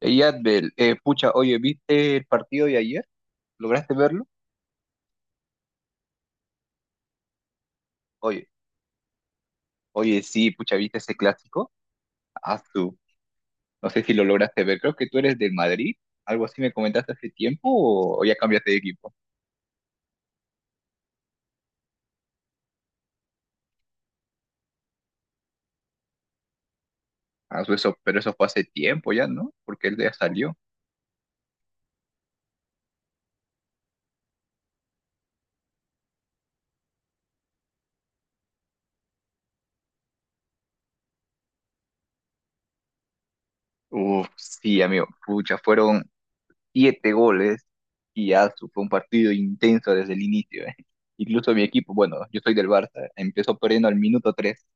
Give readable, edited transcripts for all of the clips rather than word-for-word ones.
Ey, Adbel, pucha, oye, ¿viste el partido de ayer? ¿Lograste verlo? Oye, oye, sí, pucha, ¿viste ese clásico? Ah, tú. No sé si lo lograste ver. Creo que tú eres del Madrid. Algo así me comentaste hace tiempo o ya cambiaste de equipo. Eso, pero eso fue hace tiempo ya, ¿no? Porque él ya salió. Uf, sí, amigo, pucha, fueron siete goles y ya fue un partido intenso desde el inicio. Incluso mi equipo, bueno, yo soy del Barça, empezó perdiendo al minuto 3.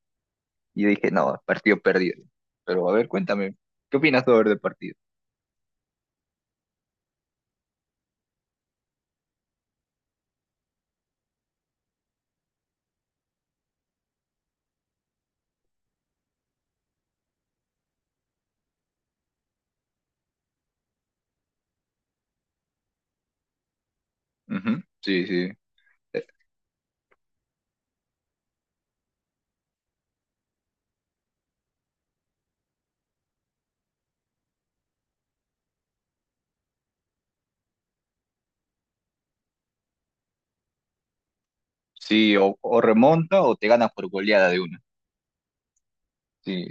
Y yo dije, no, partido perdido. Pero a ver, cuéntame, ¿qué opinas sobre del partido? Ujú, sí, sí. Eh, Sí, o remonta o te ganas por goleada de una. Sí,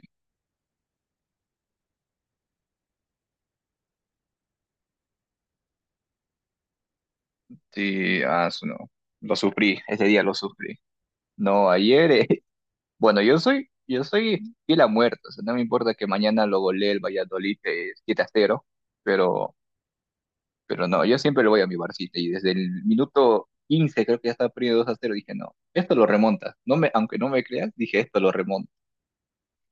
sí, no. Lo sufrí, ese día lo sufrí. No, ayer, bueno, yo soy fiel a muerto, o sea, no me importa que mañana lo golee el Valladolid 7-0, pero, pero no, yo siempre le voy a mi Barcita y desde el minuto 15 creo que ya estaba perdiendo 2-0 dije, no, esto lo remonta. Aunque no me creas, dije, esto lo remonta.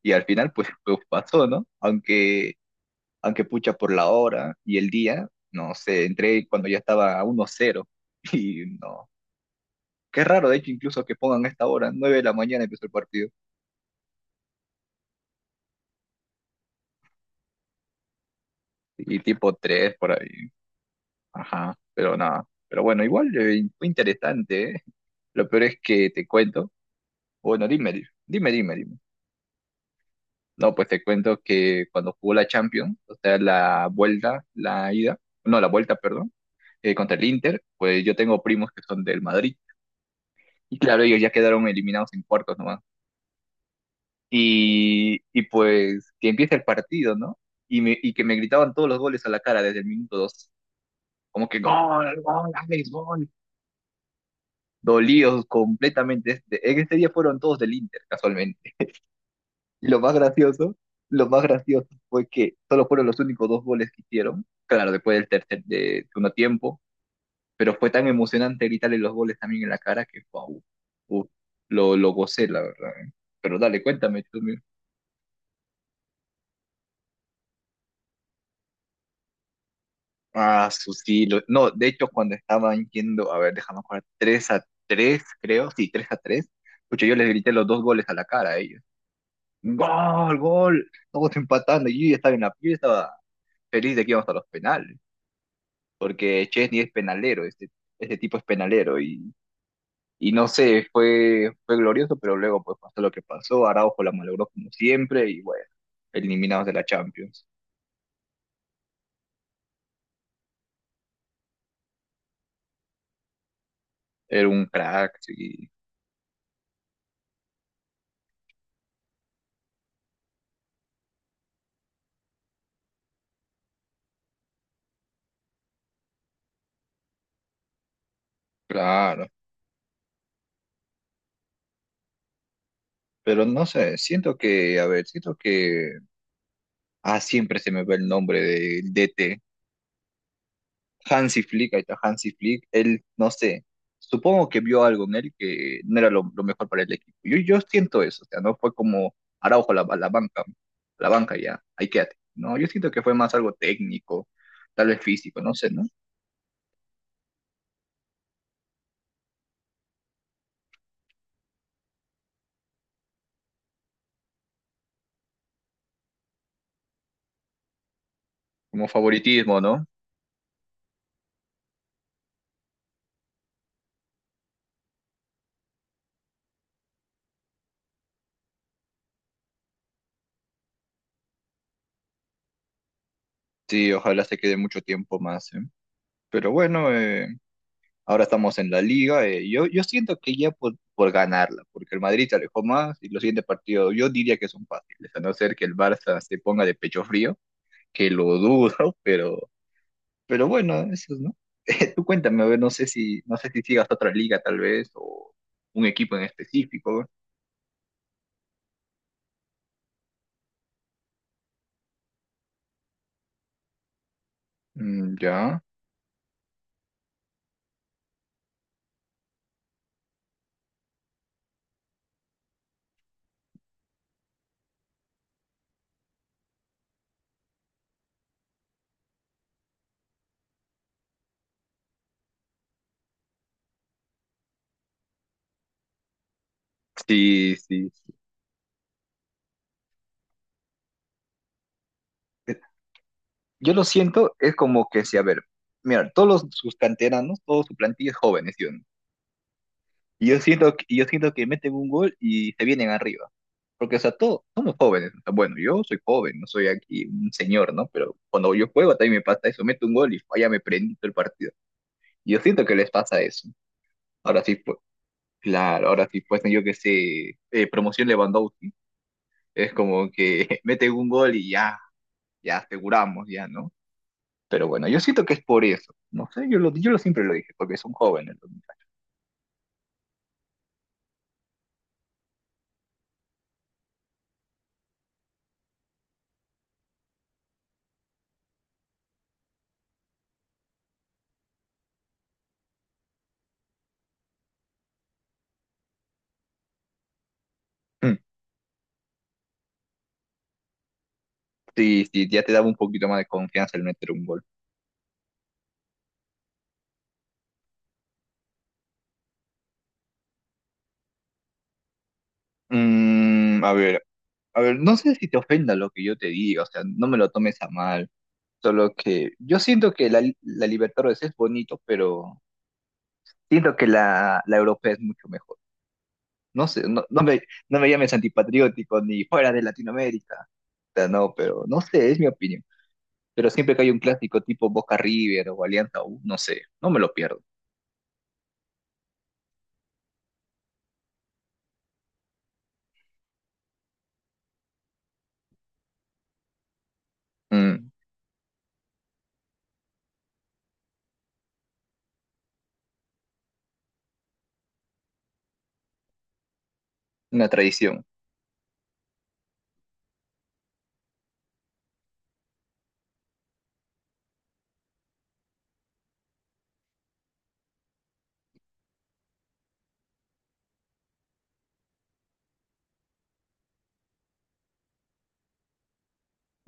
Y al final, pues pasó, ¿no? Aunque pucha por la hora y el día, no sé, entré cuando ya estaba a 1-0 y no. Qué raro, de hecho, incluso que pongan esta hora, 9 de la mañana empezó el partido y tipo 3 por ahí. Ajá, pero nada. Pero bueno, igual fue interesante, ¿eh? Lo peor es que te cuento, bueno, dime, dime, dime, dime. No, pues te cuento que cuando jugó la Champions, o sea, la vuelta, la ida, no, la vuelta, perdón contra el Inter, pues yo tengo primos que son del Madrid. Y claro, ellos ya quedaron eliminados en cuartos nomás. Y pues que empieza el partido, ¿no? Y que me gritaban todos los goles a la cara desde el minuto 2. Como que gol, gol, Alex, gol. Dolidos completamente. En ese día fueron todos del Inter, casualmente. Y lo más gracioso fue que solo fueron los únicos dos goles que hicieron. Claro, después del tercer de segundo tiempo, pero fue tan emocionante gritarle los goles también en la cara que wow, uf, lo gocé, la verdad, ¿eh? Pero dale, cuéntame tú mismo. Sí, no, de hecho cuando estaban yendo, a ver, déjame jugar 3 a tres creo, sí, 3-3 pucha, yo les grité los dos goles a la cara a ellos. Gol, gol, todos empatando, y yo ya estaba en la yo estaba feliz de que íbamos a los penales, porque Chesney es penalero, este tipo es penalero, y no sé, fue glorioso, pero luego pues pasó lo que pasó. Araujo la malogró como siempre y bueno, eliminados de la Champions. Era un crack, sí, claro. Pero no sé, siento que, a ver, siento que, siempre se me ve el nombre del DT. Hansi Flick, ahí está Hansi Flick, él, no sé, supongo que vio algo en él que no era lo mejor para el equipo. Yo siento eso, o sea, no fue como Araujo a la banca, a la banca ya, ahí quédate. No, yo siento que fue más algo técnico, tal vez físico, no sé, ¿no? Como favoritismo, ¿no? Sí, ojalá se quede mucho tiempo más, ¿eh? Pero bueno, ahora estamos en la liga. Yo siento que ya por ganarla, porque el Madrid se alejó más y los siguientes partidos yo diría que son fáciles, a no ser que el Barça se ponga de pecho frío que lo dudo, pero, pero bueno, eso, ¿no? Tú cuéntame, a ver, no sé si sigas otra liga tal vez, o un equipo en específico. Mm, ya. Sí, sí. Eh, Yo lo siento, es como que si, a ver, mira, sus canteranos, toda su plantilla es jóvenes, ¿sí o no? Y yo siento que meten un gol y se vienen arriba. Porque, o sea, todos somos jóvenes. O sea, bueno, yo soy joven, no soy aquí un señor, ¿no? Pero cuando yo juego también me pasa eso. Meto un gol y ya me prendí todo el partido. Y yo siento que les pasa eso. Ahora sí, pues, claro, ahora sí, pues, yo que sé, promoción Lewandowski, es como que mete un gol y ya, aseguramos, ya, ¿no? Pero bueno, yo siento que es por eso, no sé, yo lo siempre lo dije, porque son jóvenes. Los muchachos. Mm, sí, sí, ya te daba un poquito más de confianza el meter un gol. Mm, a ver, no sé si te ofenda lo que yo te diga, o sea, no me lo tomes a mal, solo que yo siento que la Libertadores es bonito, pero siento que la Europea es mucho mejor. No sé, no, no me llames antipatriótico ni fuera de Latinoamérica. O sea, no, pero no sé, es mi opinión. Pero siempre que hay un clásico tipo Boca River o Alianza U, no sé, no me lo pierdo. Mm, una tradición.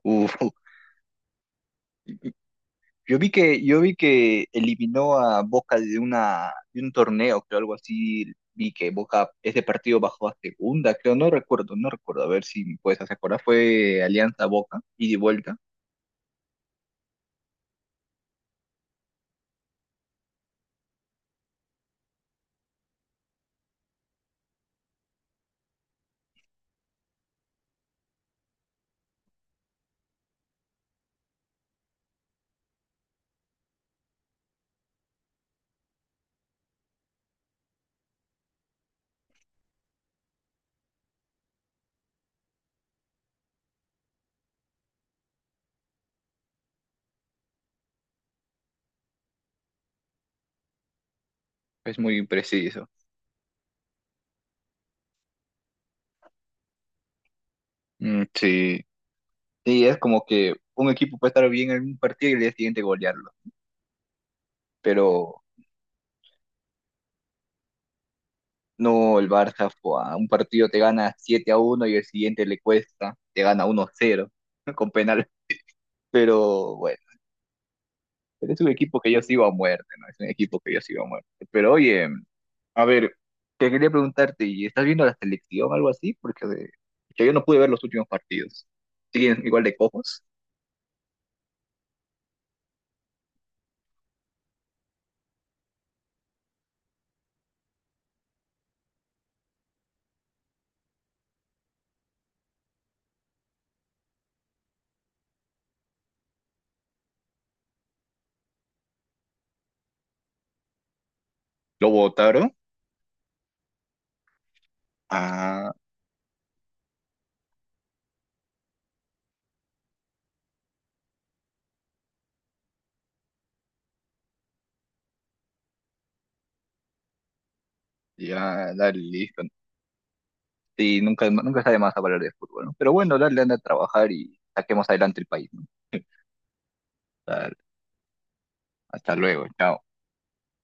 Uf, yo vi que eliminó a Boca de un torneo, creo, algo así. Vi que Boca, ese partido bajó a segunda, creo, no recuerdo, no recuerdo. A ver si me puedes hacer acordar. Fue Alianza Boca, ida y de vuelta. Es muy preciso. Mm, sí. Sí, es como que un equipo puede estar bien en un partido y el día siguiente golearlo. Pero no, el Barça, a un partido te gana 7-1 y el siguiente le cuesta, te gana uno a 0 con penal. Pero bueno, pero es un equipo que yo sigo a muerte, ¿no? Es un equipo que yo sigo a muerte. Pero oye, a ver, te quería preguntarte, ¿y estás viendo la selección o algo así? Porque que yo no pude ver los últimos partidos. ¿Siguen igual de cojos? ¿Lo votaron? Ah, ya, dale, listo. Sí, nunca, nunca está de más hablar de fútbol, ¿no? Pero bueno, dale, anda a trabajar y saquemos adelante el país, ¿no? Dale, hasta luego, chao.